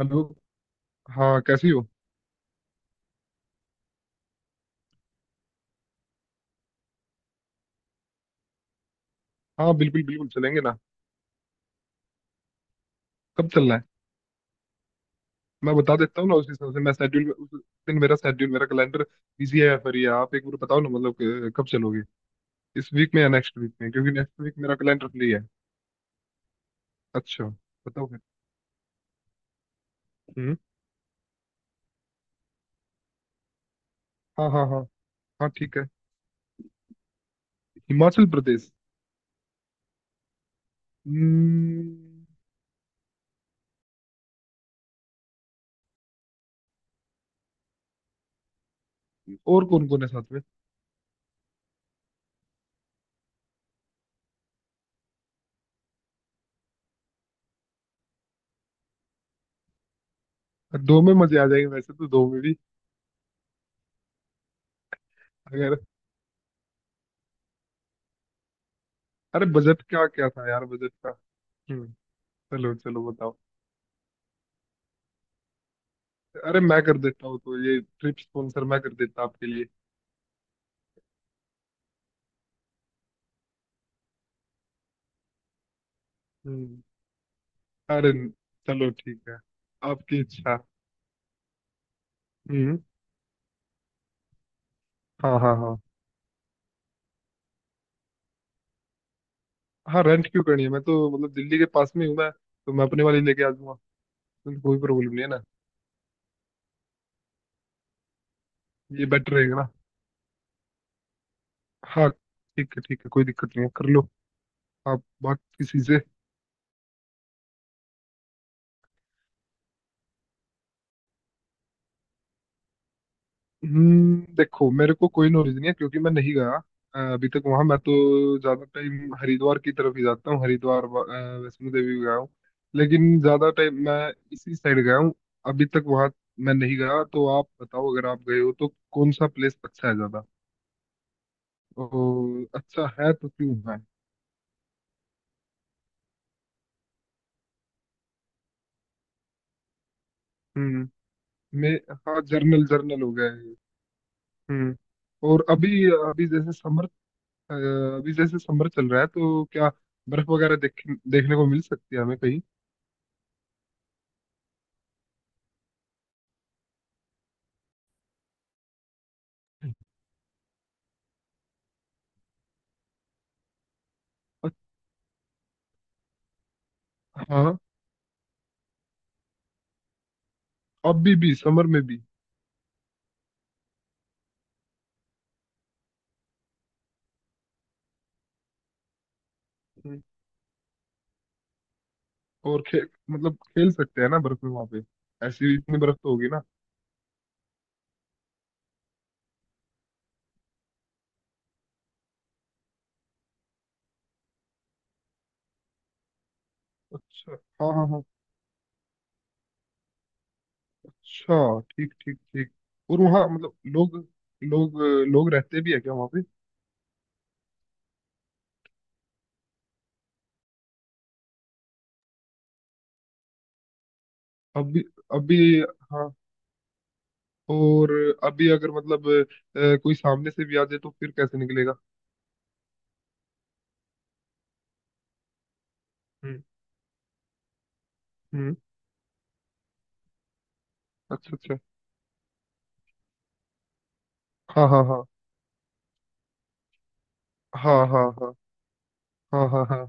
Hello. हाँ, कैसी हो? हाँ, बिल्कुल बिल्कुल चलेंगे ना। कब चलना है? मैं बता देता हूँ ना, उस हिसाब से मैं शेड्यूल, उस दिन मेरा शेड्यूल, मेरा कैलेंडर बिजी है या फिर ये। आप एक बार बताओ ना, मतलब कि कब चलोगे? इस वीक में या नेक्स्ट वीक में, क्योंकि नेक्स्ट वीक मेरा कैलेंडर फ्री है। अच्छा, बताओ फिर। हम्म। हाँ हाँ हाँ। हाँ, ठीक है। हिमाचल प्रदेश। हम्म। और कौन कौन है साथ में? दो में मजे आ जाएंगे, वैसे तो दो में भी। अगर। अरे, बजट का क्या था यार, बजट का। हम्म। चलो चलो, बताओ। अरे, मैं कर देता हूँ तो, ये ट्रिप स्पॉन्सर मैं कर देता आपके लिए। हम्म। अरे, चलो ठीक है, आपकी इच्छा। हम्म। हाँ हाँ हाँ। हाँ, रेंट क्यों करनी है? मैं तो मतलब दिल्ली के पास में हूँ, मैं तो मैं अपने वाली लेके आ जाऊंगा। उसमें तो कोई प्रॉब्लम नहीं है ना। ये बेटर रहेगा ना। हाँ, ठीक है ठीक है, कोई दिक्कत नहीं है, कर लो। आप बात किसी से। देखो, मेरे को कोई नॉलेज नहीं है, क्योंकि मैं नहीं गया अभी तक वहां। मैं तो ज्यादा टाइम हरिद्वार की तरफ ही जाता हूँ, हरिद्वार वैष्णो देवी भी गया हूँ। लेकिन ज्यादा टाइम मैं इसी साइड गया हूँ, अभी तक वहां मैं नहीं गया। तो आप बताओ, अगर आप गए हो तो कौन सा प्लेस अच्छा है ज्यादा, और अच्छा है तो क्यों है? हम्म। मैं हाँ, जर्नल जर्नल हो गया है। हम्म। और अभी अभी जैसे समर अ, अभी जैसे समर चल रहा है तो क्या बर्फ वगैरह देखने को मिल सकती है हमें कहीं? अच्छा। हाँ, अभी भी समर में भी। हम्म, और मतलब खेल सकते हैं ना बर्फ में वहां पे? ऐसी इतनी बर्फ तो होगी ना? अच्छा। हाँ हाँ हाँ। अच्छा, ठीक ठीक ठीक। और वहाँ मतलब लोग लोग लोग रहते भी है क्या वहाँ पे? अभी अभी हाँ। और अभी अगर मतलब कोई सामने से भी आ जाए तो फिर कैसे निकलेगा? हम्म। हम्म। अच्छा अच्छा। हाँ हाँ हाँ। हाँ हाँ हाँ। हाँ हाँ हाँ।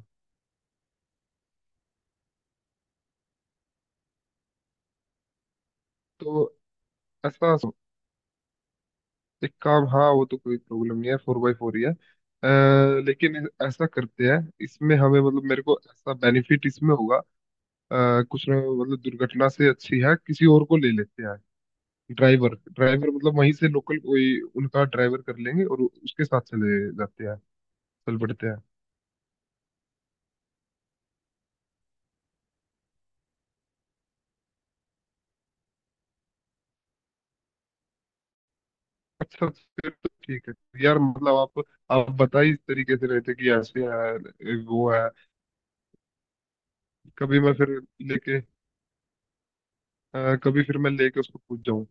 तो ऐसा, एक काम, हाँ वो तो कोई प्रॉब्लम नहीं है, फोर बाई फोर ही है। लेकिन ऐसा करते हैं, इसमें हमें मतलब मेरे को ऐसा बेनिफिट इसमें होगा। कुछ ना मतलब, दुर्घटना से अच्छी है, किसी और को ले लेते हैं। ड्राइवर ड्राइवर मतलब वहीं से लोकल, कोई उनका ड्राइवर कर लेंगे और उसके साथ चले जाते हैं, चल पड़ते हैं। अच्छा, फिर तो ठीक है यार, मतलब आप बता ही इस तरीके से रहे थे कि ऐसे है वो है। कभी मैं फिर लेके, कभी फिर मैं लेके उसको पूछ जाऊं,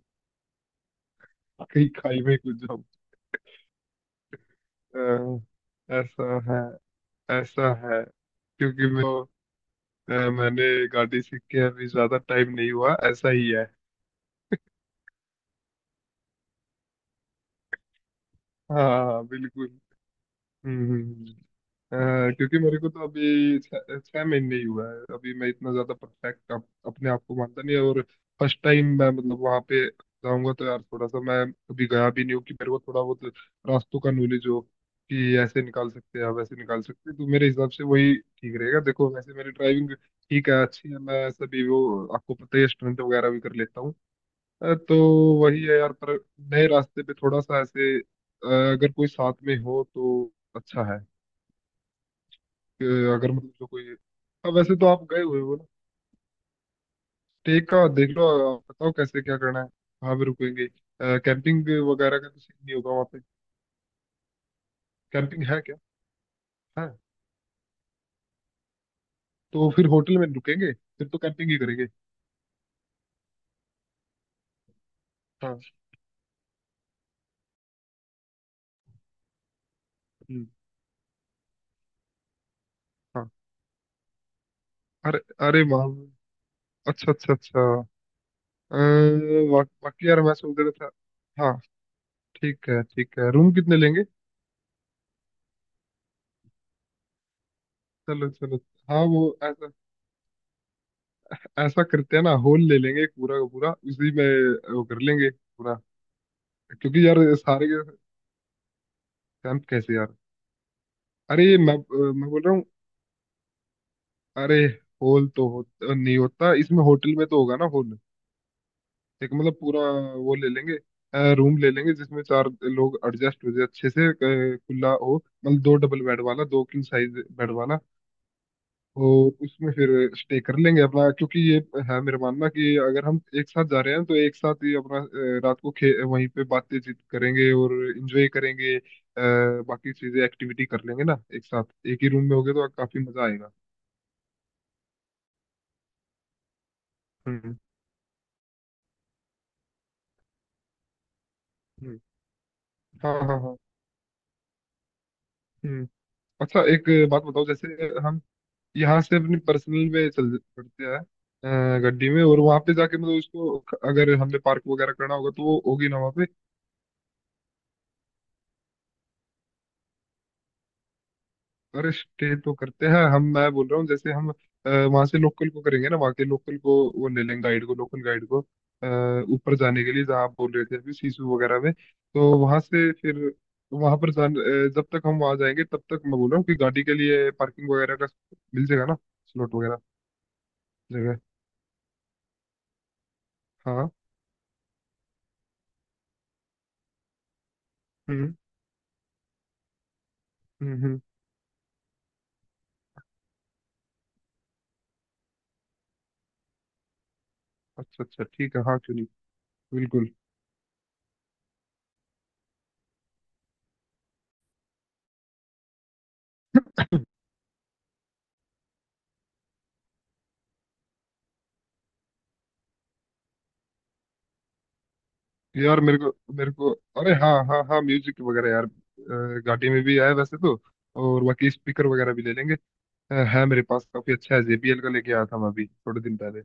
कहीं खाई में कूद जाऊं। अ, ऐसा है, ऐसा है, क्योंकि मैंने गाड़ी सीख के अभी ज्यादा टाइम नहीं हुआ, ऐसा ही है। हाँ हाँ बिल्कुल। हम्म हम्म, हम्म। क्योंकि मेरे को तो अभी छह छह महीने ही हुआ है, अभी मैं इतना ज्यादा परफेक्ट अपने आप को मानता नहीं। और फर्स्ट टाइम मैं मतलब वहां पे जाऊंगा तो यार, थोड़ा सा मैं अभी गया भी नहीं हूँ कि मेरे को थोड़ा बहुत रास्तों का नॉलेज हो कि ऐसे निकाल सकते हैं या वैसे निकाल सकते हैं। तो मेरे हिसाब से वही ठीक रहेगा। देखो वैसे मेरी ड्राइविंग ठीक है, अच्छी है, मैं सभी वो आपको पता ही है, स्टंट वगैरह भी कर लेता हूँ। तो वही है यार, पर नए रास्ते पे थोड़ा सा ऐसे, अगर कोई साथ में हो तो अच्छा है कि। अगर मतलब जो कोई, अब वैसे तो आप गए हुए हो ना, स्टे का देख लो, आप बताओ कैसे क्या करना है, कहाँ पे रुकेंगे? कैंपिंग वगैरह का तो सीन नहीं होगा वहाँ पे? कैंपिंग है क्या? है तो फिर होटल में रुकेंगे, फिर तो कैंपिंग ही करेंगे। हाँ। हम्म, हाँ। अरे, अरे वहाँ अच्छा अच्छा अच्छा। बाकी यार मैं सोच रहा था। हाँ, ठीक है ठीक है, रूम कितने लेंगे? चलो चलो। हाँ, वो ऐसा, ऐसा करते हैं ना, हॉल ले लेंगे पूरा का पूरा, उसी में वो कर लेंगे पूरा। क्योंकि यार सारे के, कैंप कैसे यार? अरे ये मैं बोल रहा हूँ, अरे होल तो नहीं होता इसमें, होटल में तो होगा ना होल। एक मतलब पूरा वो ले लेंगे, रूम ले लेंगे जिसमें चार लोग एडजस्ट हो जाए अच्छे से, खुला हो, मतलब दो डबल बेड वाला, दो किंग साइज बेड वाला। और उसमें फिर स्टे कर लेंगे अपना। क्योंकि ये है मेरा मानना कि अगर हम एक साथ जा रहे हैं तो एक साथ ही अपना, रात को खे वहीं पे बातचीत करेंगे और एंजॉय करेंगे, बाकी चीजें एक्टिविटी कर लेंगे ना। एक साथ एक ही रूम में होगे तो काफी मजा आएगा। हम्म हम्म। हाँ हाँ हाँ। हम्म। अच्छा, एक बात बताओ, जैसे हम यहाँ से अपनी पर्सनल में चल पड़ते हैं, गड्डी में, और वहां पे जाके मतलब उसको, अगर हमने पार्क वगैरह करना होगा तो वो होगी ना वहाँ पे? अरे स्टे तो करते हैं हम, मैं बोल रहा हूँ जैसे हम वहां से लोकल को करेंगे ना, वहाँ के लोकल को, वो ले लेंगे गाइड को, लोकल गाइड को। ऊपर जाने के लिए जहाँ आप बोल रहे थे अभी सीसू वगैरह में, तो वहां से फिर वहां पर जान, जब तक हम वहां जाएंगे तब तक, मैं बोल रहा हूँ कि गाड़ी के लिए पार्किंग वगैरह का मिल जाएगा ना, स्लॉट वगैरह, जगह? हाँ। हम्म हम्म। अच्छा अच्छा ठीक है, हाँ क्यों नहीं, बिल्कुल। यार मेरे को, मेरे को, अरे हाँ हाँ हाँ, म्यूजिक वगैरह यार, गाड़ी में भी आया वैसे तो, और बाकी स्पीकर वगैरह भी ले लेंगे। है मेरे पास काफी अच्छा है, जेबीएल का लेके आया था मैं अभी थोड़े दिन पहले।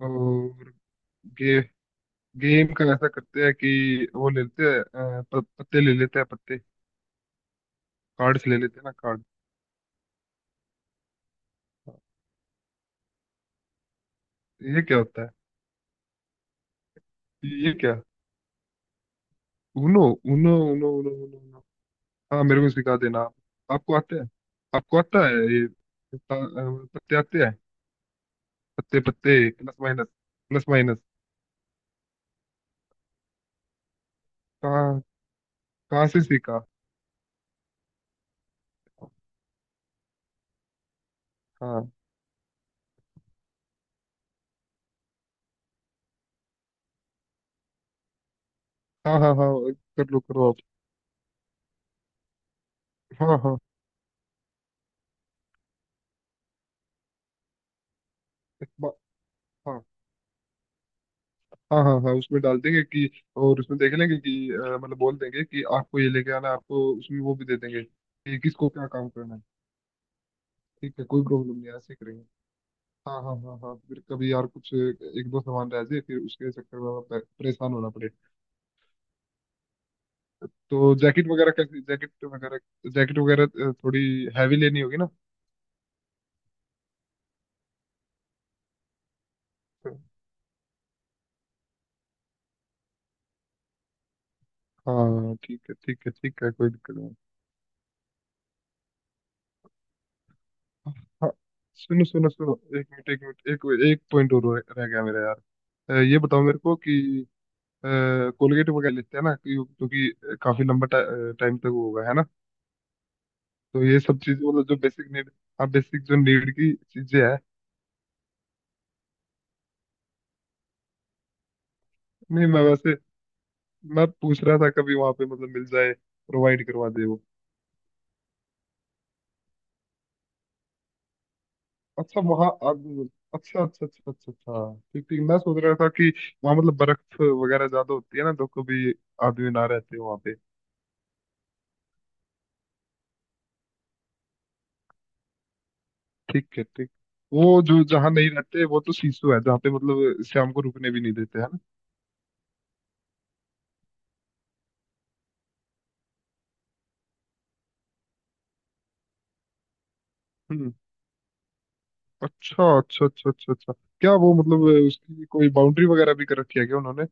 और गे, गेम का ऐसा करते हैं कि वो ले लेते हैं, पत्ते ले लेते हैं, पत्ते, कार्ड्स ले लेते हैं ना, कार्ड। ये क्या होता है? ये क्या? उनो, उनो उनो उनो उनो उनो। हाँ, मेरे को सिखा देना आप। आपको आते हैं? आपको आता है ये पत्ते आते हैं? पत्ते, पत्ते, प्लस माइनस, प्लस माइनस। कहाँ? कहाँ से सीखा? हाँ हाँ हाँ। हाँ, कर लो, करो आप। हाँ हाँ। एक बार। हाँ हाँ हाँ हाँ, उसमें डाल देंगे कि, और उसमें देख लेंगे कि, मतलब बोल देंगे कि आपको ये लेके आना है, आपको उसमें वो भी दे देंगे कि किसको क्या काम करना है। ठीक है, कोई प्रॉब्लम नहीं है, ऐसे ही करेंगे। हाँ हाँ हाँ हाँ। फिर कभी यार कुछ एक दो सामान रह जाए, फिर उसके चक्कर में परेशान होना पड़े। तो जैकेट वगैरह, कैसी जैकेट वगैरह, जैकेट वगैरह थोड़ी हैवी लेनी होगी ना? हाँ, ठीक है ठीक है ठीक है, कोई दिक्कत नहीं। हाँ। सुनो सुनो सुनो, एक मिनट एक मिनट, एक एक पॉइंट और रह रह गया मेरा यार। ये बताओ मेरे को कि, कोलगेट वगैरह लेते हैं ना, क्योंकि काफी लंबा टाइम तक वो होगा है ना। तो ये सब चीज मतलब जो बेसिक नीड, हाँ बेसिक जो नीड की चीजें है। नहीं, मैं वैसे, मैं पूछ रहा था कभी वहां पे मतलब मिल जाए, प्रोवाइड करवा दे वो। अच्छा वहाँ अब- अच्छा अच्छा अच्छा अच्छा अच्छा, ठीक ठीक। मैं सोच रहा था कि वहाँ मतलब बर्फ वगैरह ज्यादा होती है ना, तो कभी आदमी ना रहते वहाँ पे। ठीक है, ठीक। वो जो जहाँ नहीं रहते वो तो सीसू है, जहाँ पे मतलब शाम को रुकने भी नहीं देते, है ना? हम्म। अच्छा अच्छा अच्छा अच्छा अच्छा। क्या वो मतलब उसकी कोई बाउंड्री वगैरह भी कर रखी है क्या उन्होंने?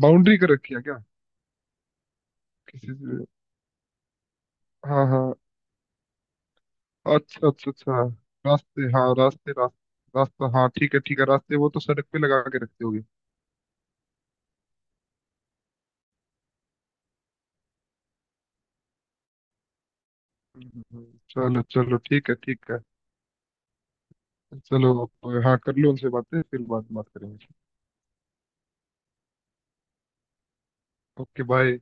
बाउंड्री कर रखी है क्या? किसी से। हाँ हाँ। अच्छा अच्छा अच्छा। रास्ते, हाँ रास्ते रास्ते, रास्ता, हाँ ठीक है ठीक है, रास्ते वो तो सड़क पे लगा के रखते होगे। चलो चलो, ठीक है ठीक है। चलो अब, हाँ कर लो उनसे बातें, फिर बाद में बात करेंगे। Okay, bye.